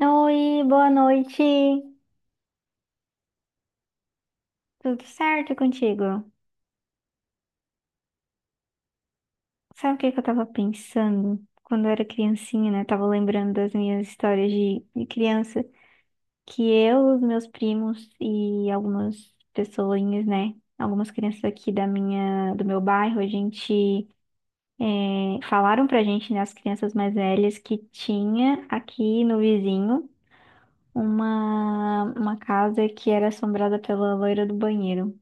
Oi, boa noite. Tudo certo contigo? Sabe o que que eu tava pensando quando eu era criancinha, né? Tava lembrando das minhas histórias de criança, que eu, os meus primos e algumas pessoinhas, né? Algumas crianças aqui da minha, do meu bairro, a gente falaram pra gente, né, as crianças mais velhas, que tinha aqui no vizinho uma casa que era assombrada pela loira do banheiro.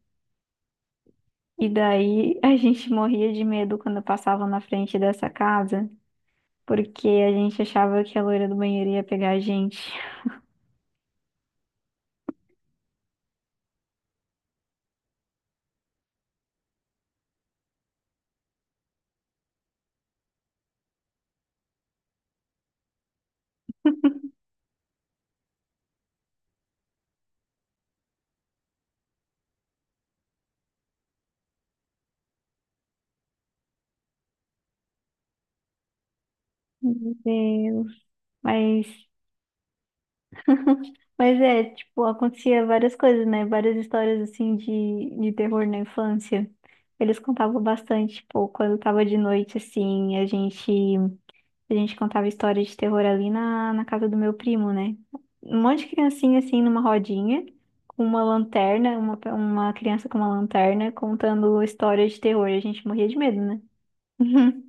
E daí a gente morria de medo quando passava na frente dessa casa, porque a gente achava que a loira do banheiro ia pegar a gente. Meu Deus. Mas, mas é, tipo, acontecia várias coisas, né? Várias histórias assim de terror na infância. Eles contavam bastante, tipo, quando tava de noite, assim, a gente. A gente contava história de terror ali na, na casa do meu primo, né? Um monte de criancinha assim numa rodinha, com uma lanterna, uma criança com uma lanterna contando história de terror. A gente morria de medo, né?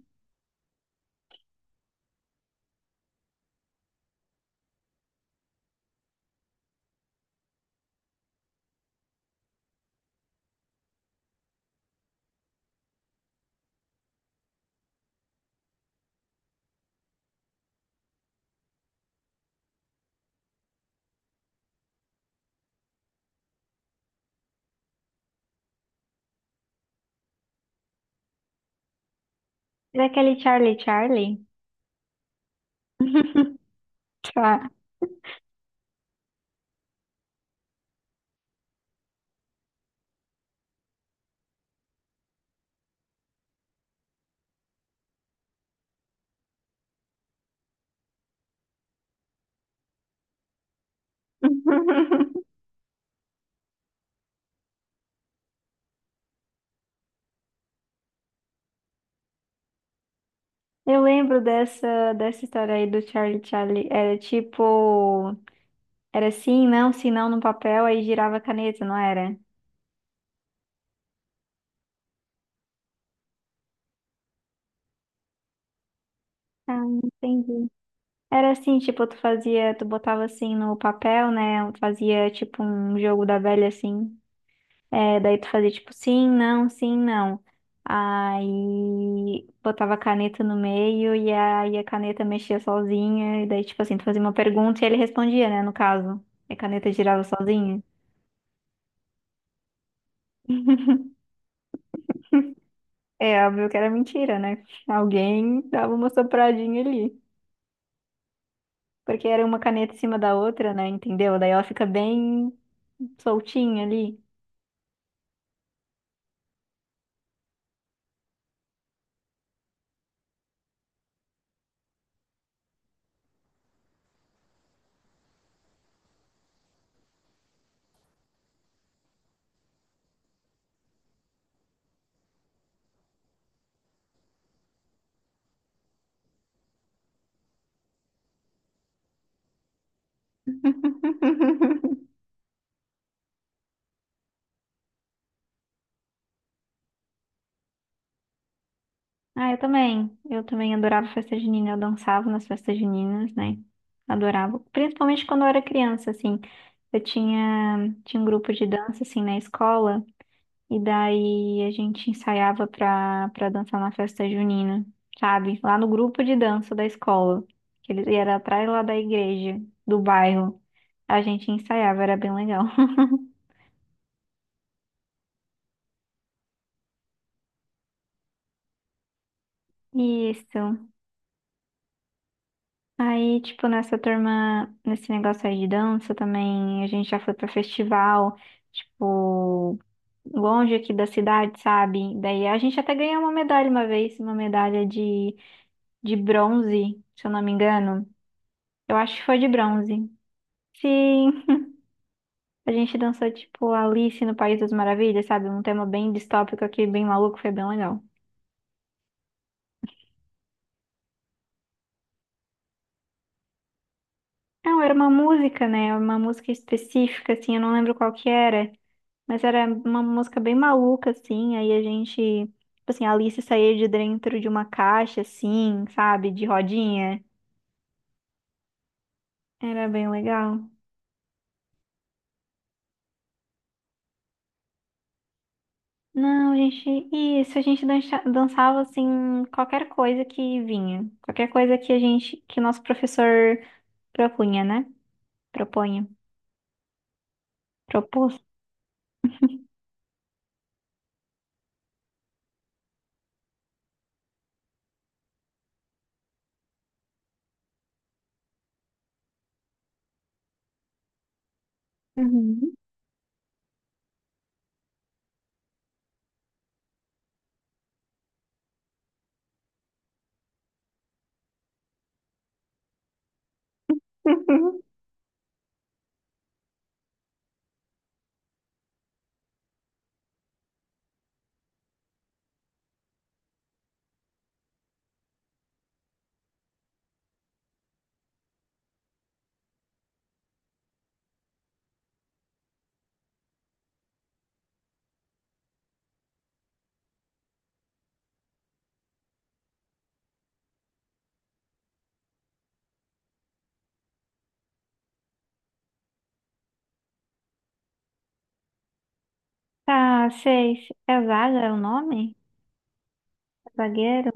Era aquele Charlie Charlie? Tá. Eu lembro dessa, dessa história aí do Charlie Charlie. Era tipo. Era sim, não, sim, não no papel, aí girava a caneta, não era? Ah, entendi. Era assim, tipo, tu fazia, tu botava assim no papel, né? Fazia tipo um jogo da velha assim. É, daí tu fazia tipo sim, não, sim, não. Aí botava a caneta no meio e aí a caneta mexia sozinha. E daí, tipo assim, tu fazia uma pergunta e ele respondia, né? No caso. E a caneta girava sozinha. É óbvio que era mentira, né? Alguém dava uma sopradinha ali. Porque era uma caneta em cima da outra, né? Entendeu? Daí ela fica bem soltinha ali. Ah, eu também. Eu também adorava festa junina. Eu dançava nas festas juninas, né? Adorava. Principalmente quando eu era criança, assim. Eu tinha, tinha um grupo de dança, assim, na escola. E daí a gente ensaiava pra dançar na festa junina, sabe? Lá no grupo de dança da escola. Que eles, e era atrás lá da igreja, do bairro. A gente ensaiava, era bem legal. Isso. Aí, tipo, nessa turma, nesse negócio aí de dança também, a gente já foi pra festival, tipo, longe aqui da cidade, sabe? Daí a gente até ganhou uma medalha uma vez, uma medalha de bronze, se eu não me engano. Eu acho que foi de bronze. Sim, a gente dançou, tipo, Alice no País das Maravilhas, sabe? Um tema bem distópico aqui, bem maluco, foi bem legal. Não, era uma música, né? Uma música específica, assim, eu não lembro qual que era. Mas era uma música bem maluca, assim. Aí a gente, tipo assim, a Alice saía de dentro de uma caixa, assim, sabe? De rodinha. Era bem legal. Não, a gente, isso, a gente dançava, assim, qualquer coisa que vinha. Qualquer coisa que a gente, que o nosso professor propunha, né? Propunha. Propôs. Uhum. Tá, sei. É Zaga é o nome? Zagueiro?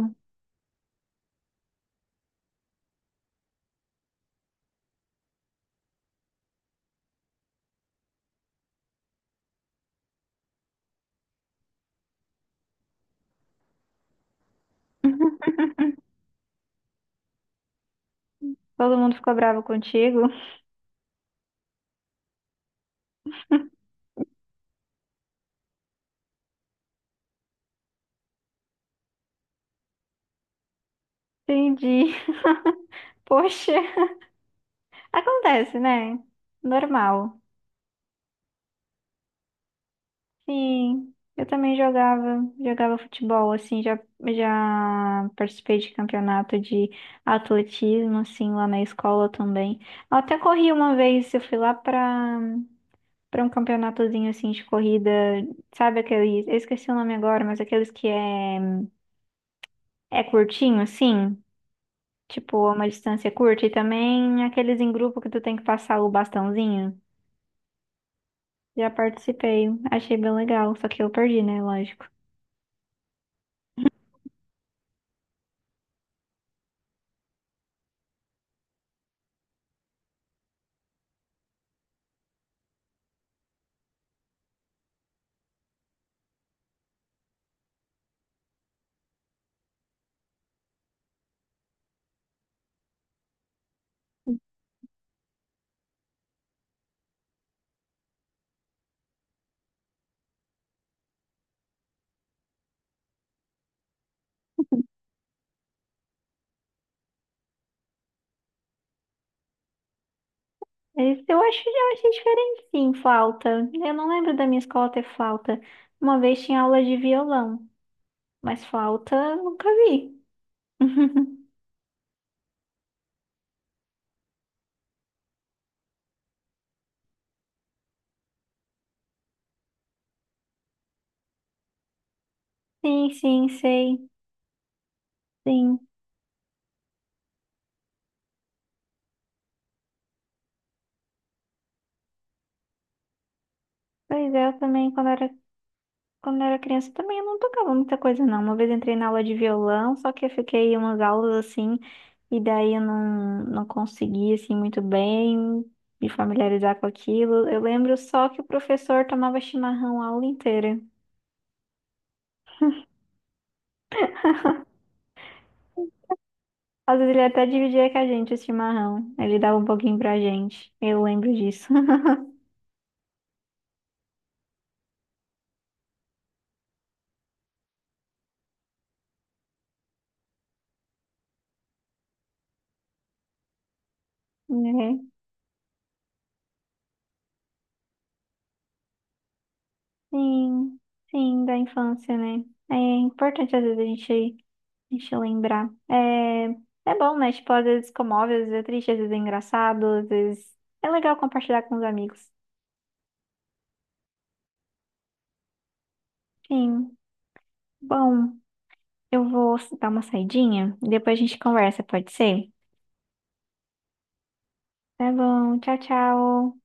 Todo mundo ficou bravo contigo? Entendi. Poxa. Acontece, né? Normal. Sim, eu também jogava, jogava futebol, assim, já, já participei de campeonato de atletismo, assim, lá na escola também. Eu até corri uma vez, eu fui lá pra um campeonatozinho, assim, de corrida, sabe aqueles eu esqueci o nome agora, mas aqueles que é, é curtinho, assim, tipo, uma distância curta, e também aqueles em grupo que tu tem que passar o bastãozinho. Já participei, achei bem legal, só que eu perdi, né? Lógico. Mas eu acho, eu achei diferente, sim, flauta. Eu não lembro da minha escola ter flauta. Uma vez tinha aula de violão, mas flauta eu nunca vi. Sim, sim, sei. Sim. Pois é, eu também, quando era Quando eu era criança também eu não tocava muita coisa, não. Uma vez eu entrei na aula de violão, só que eu fiquei umas aulas assim, e daí eu não, não consegui assim muito bem me familiarizar com aquilo. Eu lembro só que o professor tomava chimarrão a aula inteira. Às vezes ele até dividia com a gente o chimarrão. Ele dava um pouquinho pra gente. Eu lembro disso. É. Sim, sim, da infância, né? É importante às vezes a gente Deixa eu lembrar. É, é bom, né? Tipo, às vezes comove, às vezes é triste, às vezes é engraçado, às vezes é legal compartilhar com os amigos. Sim. Bom, eu vou dar uma saidinha, depois a gente conversa, pode ser? Tá bom, tchau, tchau.